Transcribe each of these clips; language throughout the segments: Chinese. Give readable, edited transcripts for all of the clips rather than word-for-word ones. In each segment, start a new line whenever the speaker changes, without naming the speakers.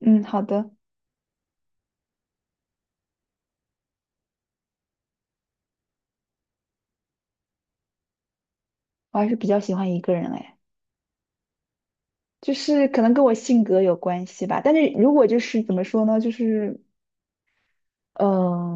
嗯，好的。我还是比较喜欢一个人哎，就是可能跟我性格有关系吧。但是如果就是怎么说呢，就是嗯、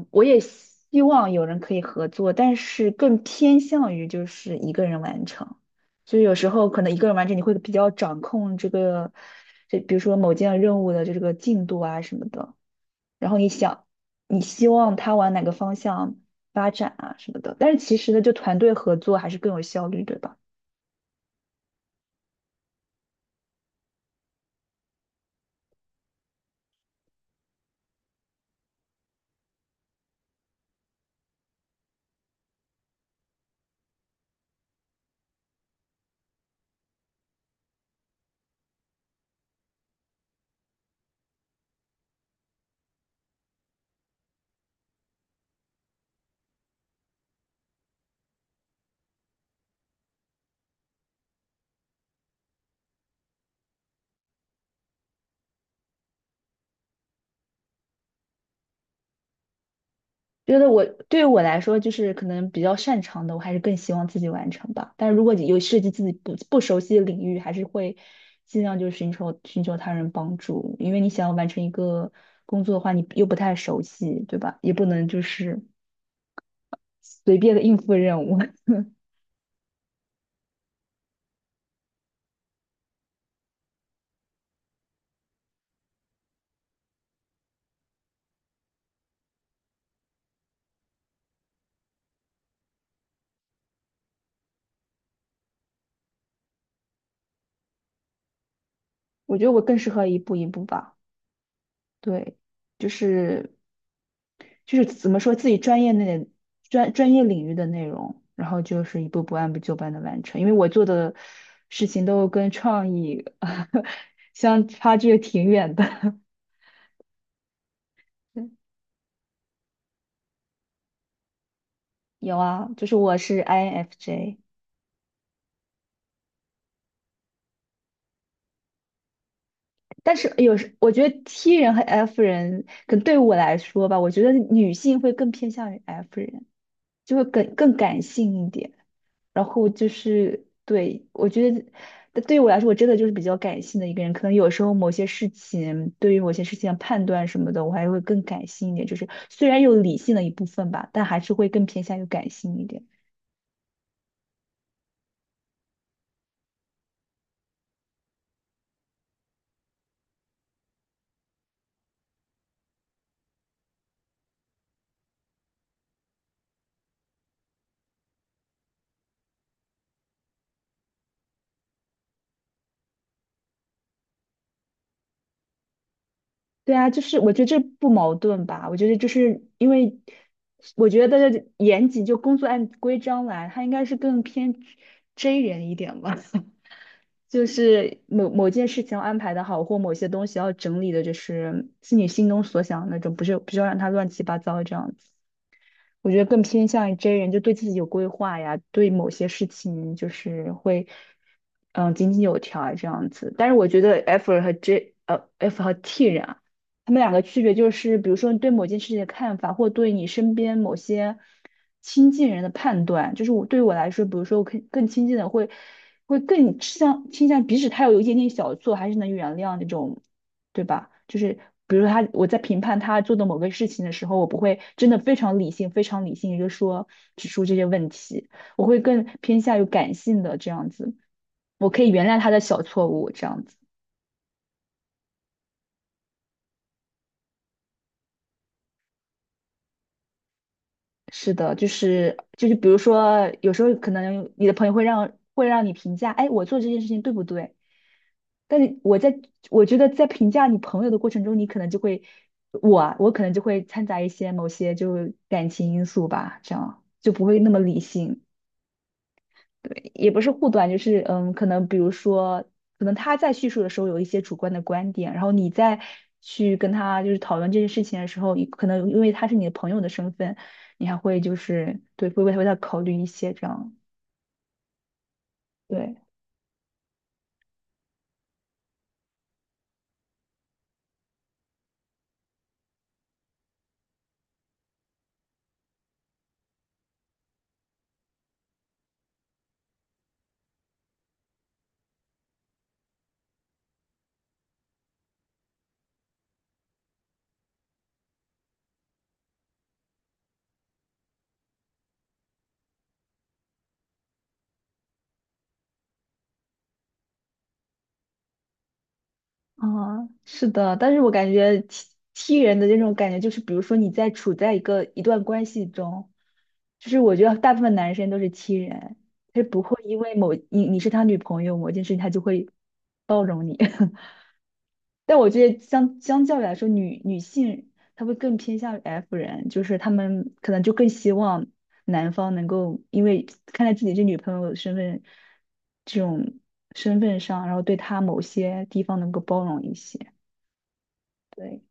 我也希望有人可以合作，但是更偏向于就是一个人完成。就是有时候可能一个人完成，你会比较掌控这个，这比如说某件任务的这个进度啊什么的。然后你想，你希望他往哪个方向发展啊什么的。但是其实呢，就团队合作还是更有效率，对吧？觉得我对于我来说，就是可能比较擅长的，我还是更希望自己完成吧。但是如果你有涉及自己不熟悉的领域，还是会尽量就是寻求他人帮助，因为你想要完成一个工作的话，你又不太熟悉，对吧？也不能就是随便的应付任务。我觉得我更适合一步一步吧。对，就是怎么说自己专业内专业领域的内容，然后就是一步步按部就班的完成。因为我做的事情都跟创意 相差距挺远的。嗯有啊，就是我是 INFJ,但是有时我觉得 T 人和 F 人，可能对我来说吧，我觉得女性会更偏向于 F 人，就会更感性一点。然后就是对我觉得，但对于我来说，我真的就是比较感性的一个人。可能有时候某些事情，对于某些事情的判断什么的，我还会更感性一点。就是虽然有理性的一部分吧，但还是会更偏向于感性一点。对啊，就是我觉得这不矛盾吧？我觉得就是因为，我觉得严谨就工作按规章来，他应该是更偏 J 人一点吧。就是某件事情要安排的好，或某些东西要整理的，就是是你心中所想的那种，不是要让它乱七八糟这样子。我觉得更偏向于 J 人，就对自己有规划呀，对某些事情就是会，嗯，井井有条啊这样子。但是我觉得 F 和 J,呃，F 和 T 人啊，他们两个区别就是，比如说你对某件事情的看法，或对你身边某些亲近人的判断。就是我对于我来说，比如说我更亲近的会，会更倾向，即使他有一点点小错，还是能原谅那种。对吧？就是比如说他我在评判他做的某个事情的时候，我不会真的非常理性就说指出这些问题，我会更偏向于感性的这样子，我可以原谅他的小错误这样子。是的，就是比如说有时候可能你的朋友会让你评价，哎，我做这件事情对不对？但是我觉得在评价你朋友的过程中，你可能就会我可能就会掺杂一些某些就感情因素吧，这样就不会那么理性。对也不是护短，就是嗯，可能比如说，可能他在叙述的时候有一些主观的观点，然后你在去跟他就是讨论这件事情的时候，你可能因为他是你的朋友的身份，你还会就是对，会为他考虑一些这样，对。啊，是的，但是我感觉 T 人的这种感觉就是，比如说你在处在一段关系中，就是我觉得大部分男生都是 T 人，他不会因为你是他女朋友某件事情，他就会包容你。但我觉得相较于来说，女性她会更偏向于 F 人，就是她们可能就更希望男方能够因为看在自己这女朋友的这种身份上，然后对她某些地方能够包容一些。对。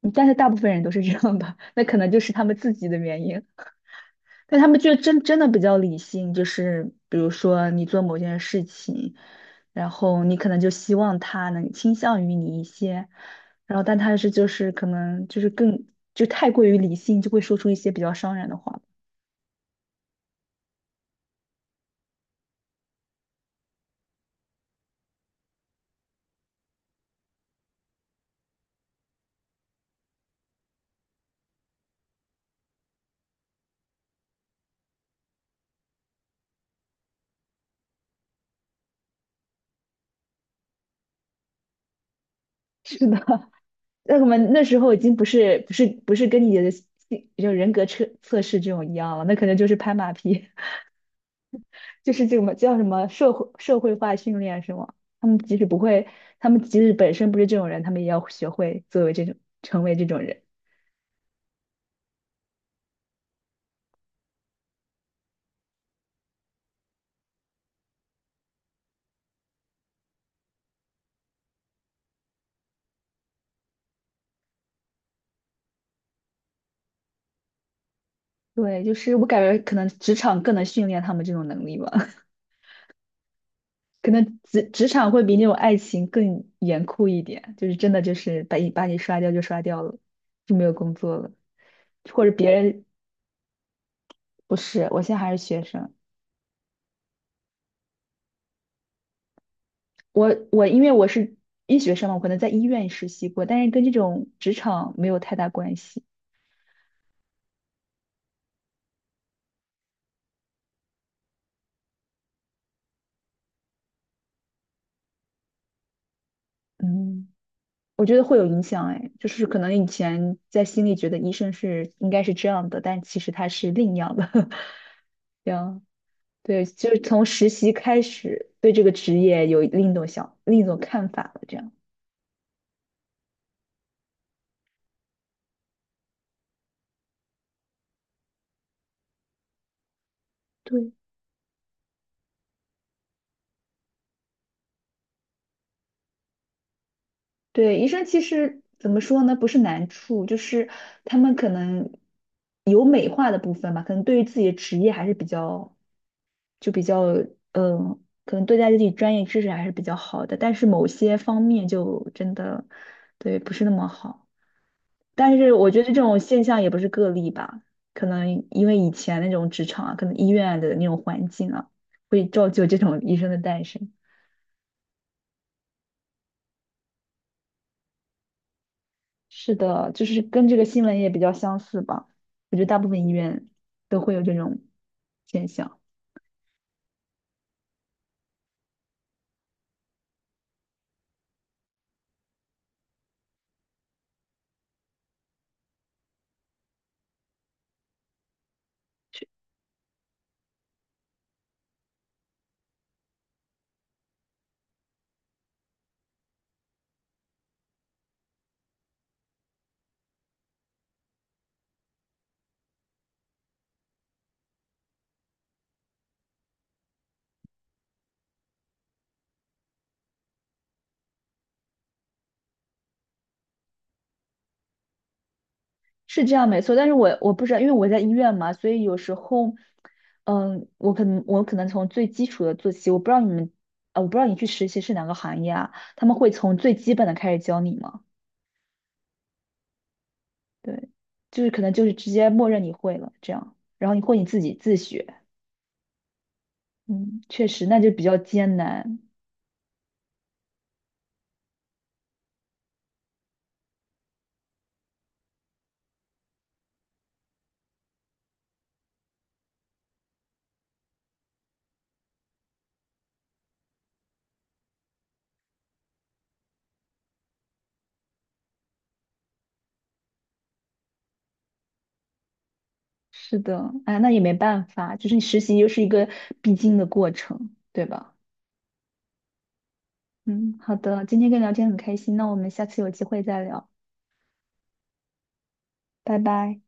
嗯但是大部分人都是这样的，那可能就是他们自己的原因。但他们就真的比较理性，就是比如说你做某件事情，然后你可能就希望他能倾向于你一些，然后但他是就是可能就是更就太过于理性，就会说出一些比较伤人的话。是的，那我们那时候已经不是跟你的人格测试这种一样了，那可能就是拍马屁。就是这么叫什么社会化训练是吗？他们即使不会，他们即使本身不是这种人，他们也要学会作为这种成为这种人。对，就是我感觉可能职场更能训练他们这种能力吧，可能职场会比那种爱情更严酷一点，就是真的就是把你刷掉就刷掉了，就没有工作了，或者别人不是，我现在还是学生。我因为我是医学生嘛，我可能在医院实习过，但是跟这种职场没有太大关系。嗯，我觉得会有影响，哎，就是可能以前在心里觉得医生是应该是这样的，但其实他是另样的，这样。对，就是从实习开始对这个职业有另一种看法了，这样。对对，医生其实怎么说呢？不是难处，就是他们可能有美化的部分吧，可能对于自己的职业还是比较就比较嗯，可能对待自己专业知识还是比较好的，但是某些方面就真的对不是那么好。但是我觉得这种现象也不是个例吧，可能因为以前那种职场啊，可能医院的那种环境啊，会造就这种医生的诞生。是的，就是跟这个新闻也比较相似吧。我觉得大部分医院都会有这种现象。是这样没错，但是我不知道，因为我在医院嘛，所以有时候，嗯，我可能从最基础的做起，我不知道你们，啊，我不知道你去实习是哪个行业啊，他们会从最基本的开始教你吗？对，就是可能就是直接默认你会了这样，然后你或你自己自学，嗯，确实那就比较艰难，是的，哎，那也没办法，就是你实习又是一个必经的过程，对吧？嗯，好的，今天跟你聊天很开心，那我们下次有机会再聊，拜拜。